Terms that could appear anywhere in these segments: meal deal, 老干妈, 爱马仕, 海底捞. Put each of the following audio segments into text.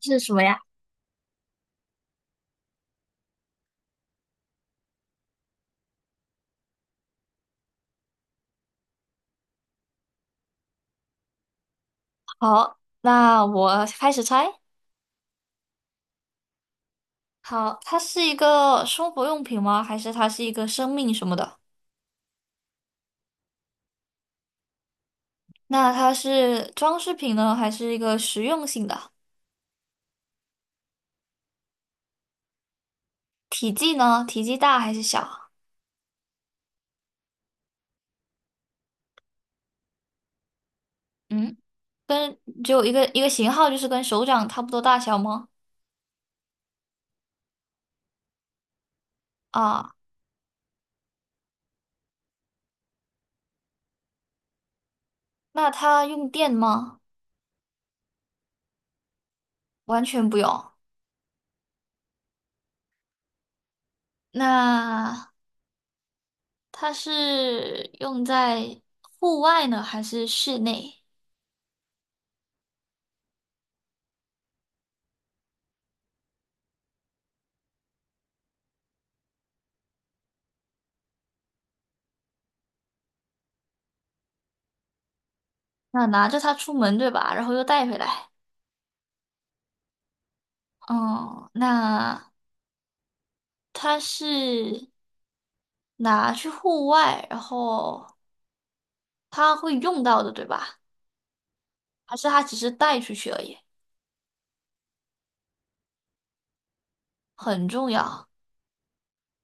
这是什么呀？好，那我开始猜。好，它是一个生活用品吗？还是它是一个生命什么的？那它是装饰品呢，还是一个实用性的？体积呢？体积大还是小？嗯，跟只有一个一个型号，就是跟手掌差不多大小吗？啊，那它用电吗？完全不用。那它是用在户外呢，还是室内？那拿着它出门，对吧？然后又带回来。嗯，那它是拿去户外，然后它会用到的，对吧？还是它只是带出去而已？很重要。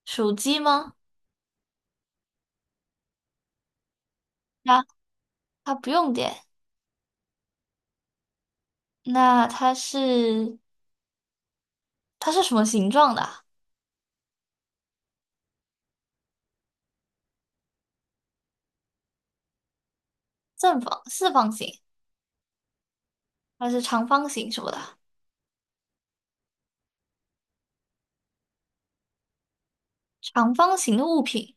手机吗？那它不用电。那它是什么形状的啊？正方、四方形还是长方形什么的？长方形的物品。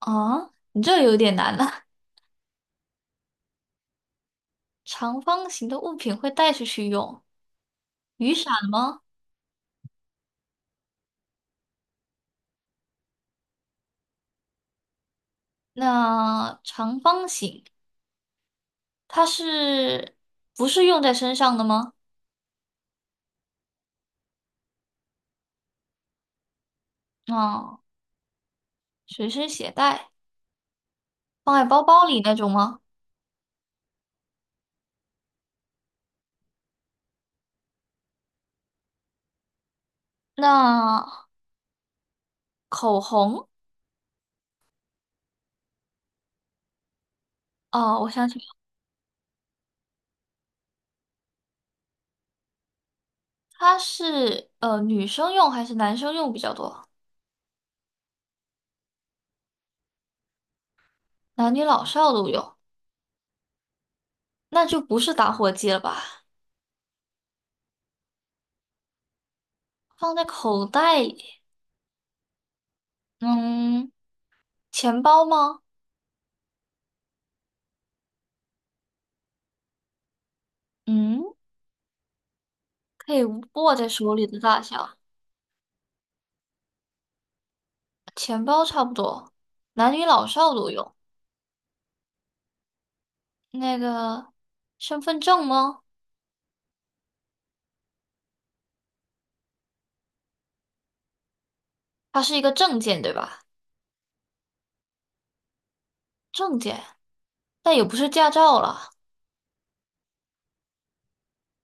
啊，你这有点难了。长方形的物品会带出去用，雨伞吗？那长方形。它是不是用在身上的吗？啊，随身携带，放在包包里那种吗？那口红，哦，我想起来了，它是女生用还是男生用比较多？男女老少都用，那就不是打火机了吧？放在口袋里，嗯，钱包吗？嗯，可以握在手里的大小，钱包差不多，男女老少都用。那个身份证吗？它是一个证件，对吧？证件，但也不是驾照了。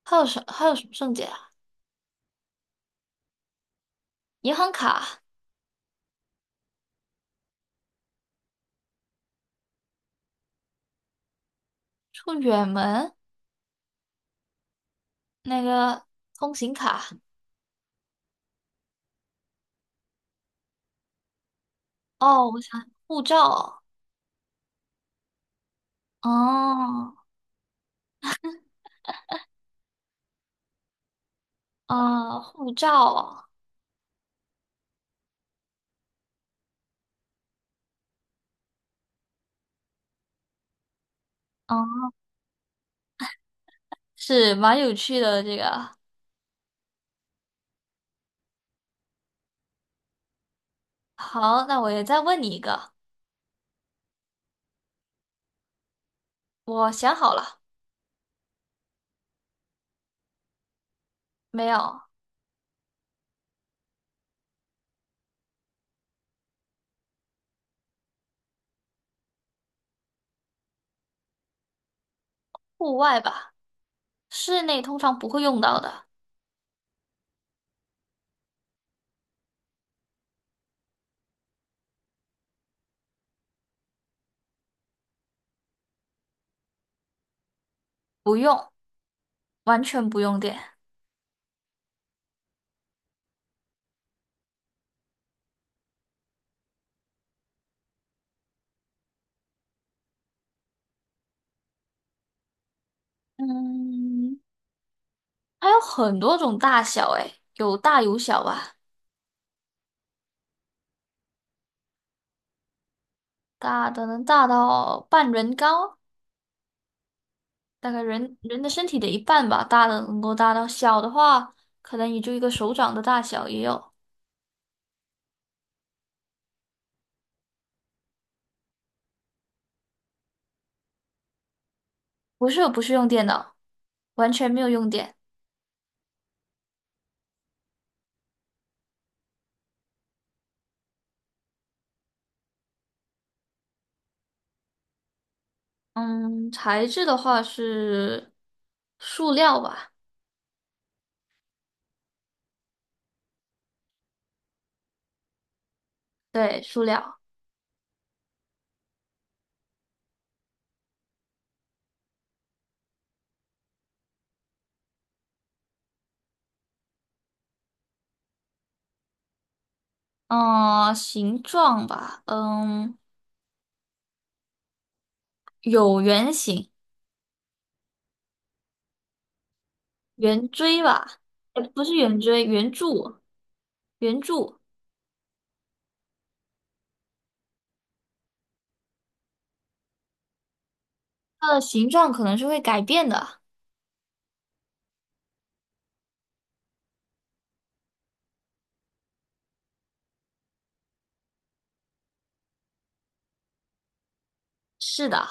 还有什么证件啊？银行卡、出远门那个通行卡。哦，我想护照。哦，哦，护照。哦，是蛮有趣的这个。好，那我也再问你一个，我想好了，没有，户外吧，室内通常不会用到的，不用，完全不用电。嗯，它有很多种大小，诶，有大有小吧。大的能大到半人高，大概人的身体的一半吧。大的能够大到小的话，可能也就一个手掌的大小也有。不是，不是用电脑，完全没有用电。嗯，材质的话是塑料吧？对，塑料。嗯，形状吧，嗯，有圆形、圆锥吧？不是圆锥，圆柱，圆柱。它的形状可能是会改变的。是的，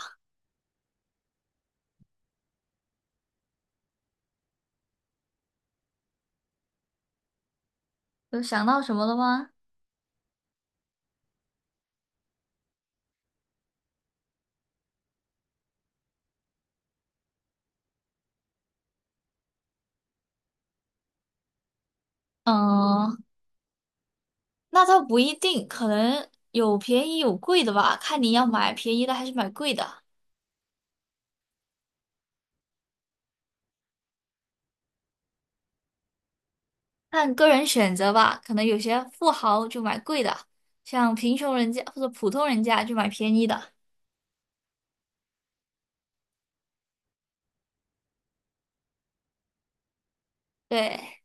有想到什么了吗？嗯，那倒不一定，可能有便宜有贵的吧，看你要买便宜的还是买贵的，看个人选择吧。可能有些富豪就买贵的，像贫穷人家或者普通人家就买便宜的。对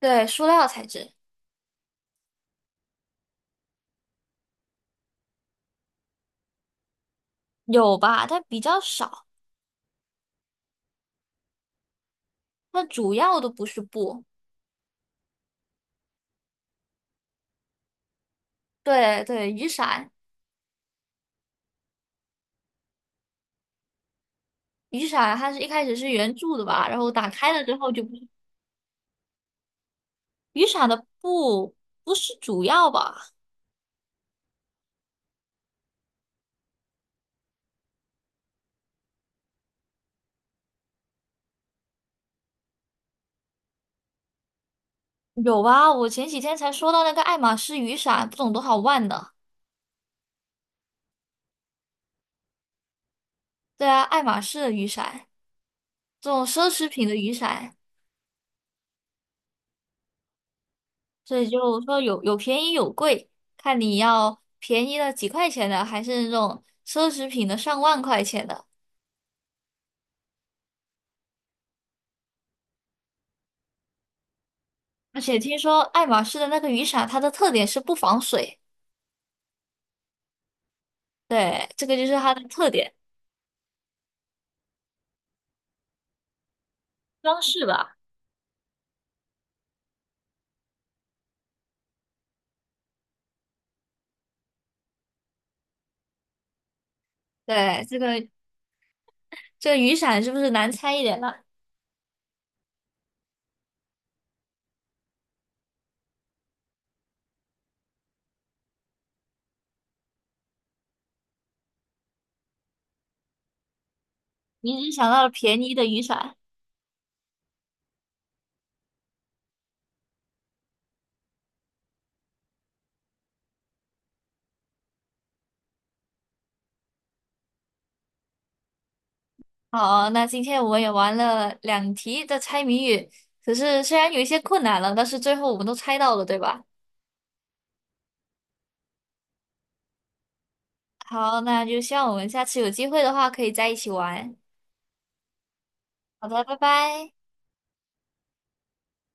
对，塑料材质有吧，但比较少。它主要都不是布。对对，雨伞，雨伞它是一开始是圆柱的吧，然后打开了之后就不是，雨伞的布不是主要吧？有啊，我前几天才说到那个爱马仕雨伞，不懂多少万的？对啊，爱马仕的雨伞，这种奢侈品的雨伞，所以就说有便宜有贵，看你要便宜的几块钱的，还是那种奢侈品的上万块钱的。而且听说爱马仕的那个雨伞，它的特点是不防水，对，这个就是它的特点，装饰吧。对，这个雨伞是不是难猜一点了？你只想到了便宜的雨伞。好，那今天我们也玩了两题的猜谜语，可是虽然有一些困难了，但是最后我们都猜到了，对吧？好，那就希望我们下次有机会的话可以在一起玩。好的，拜拜。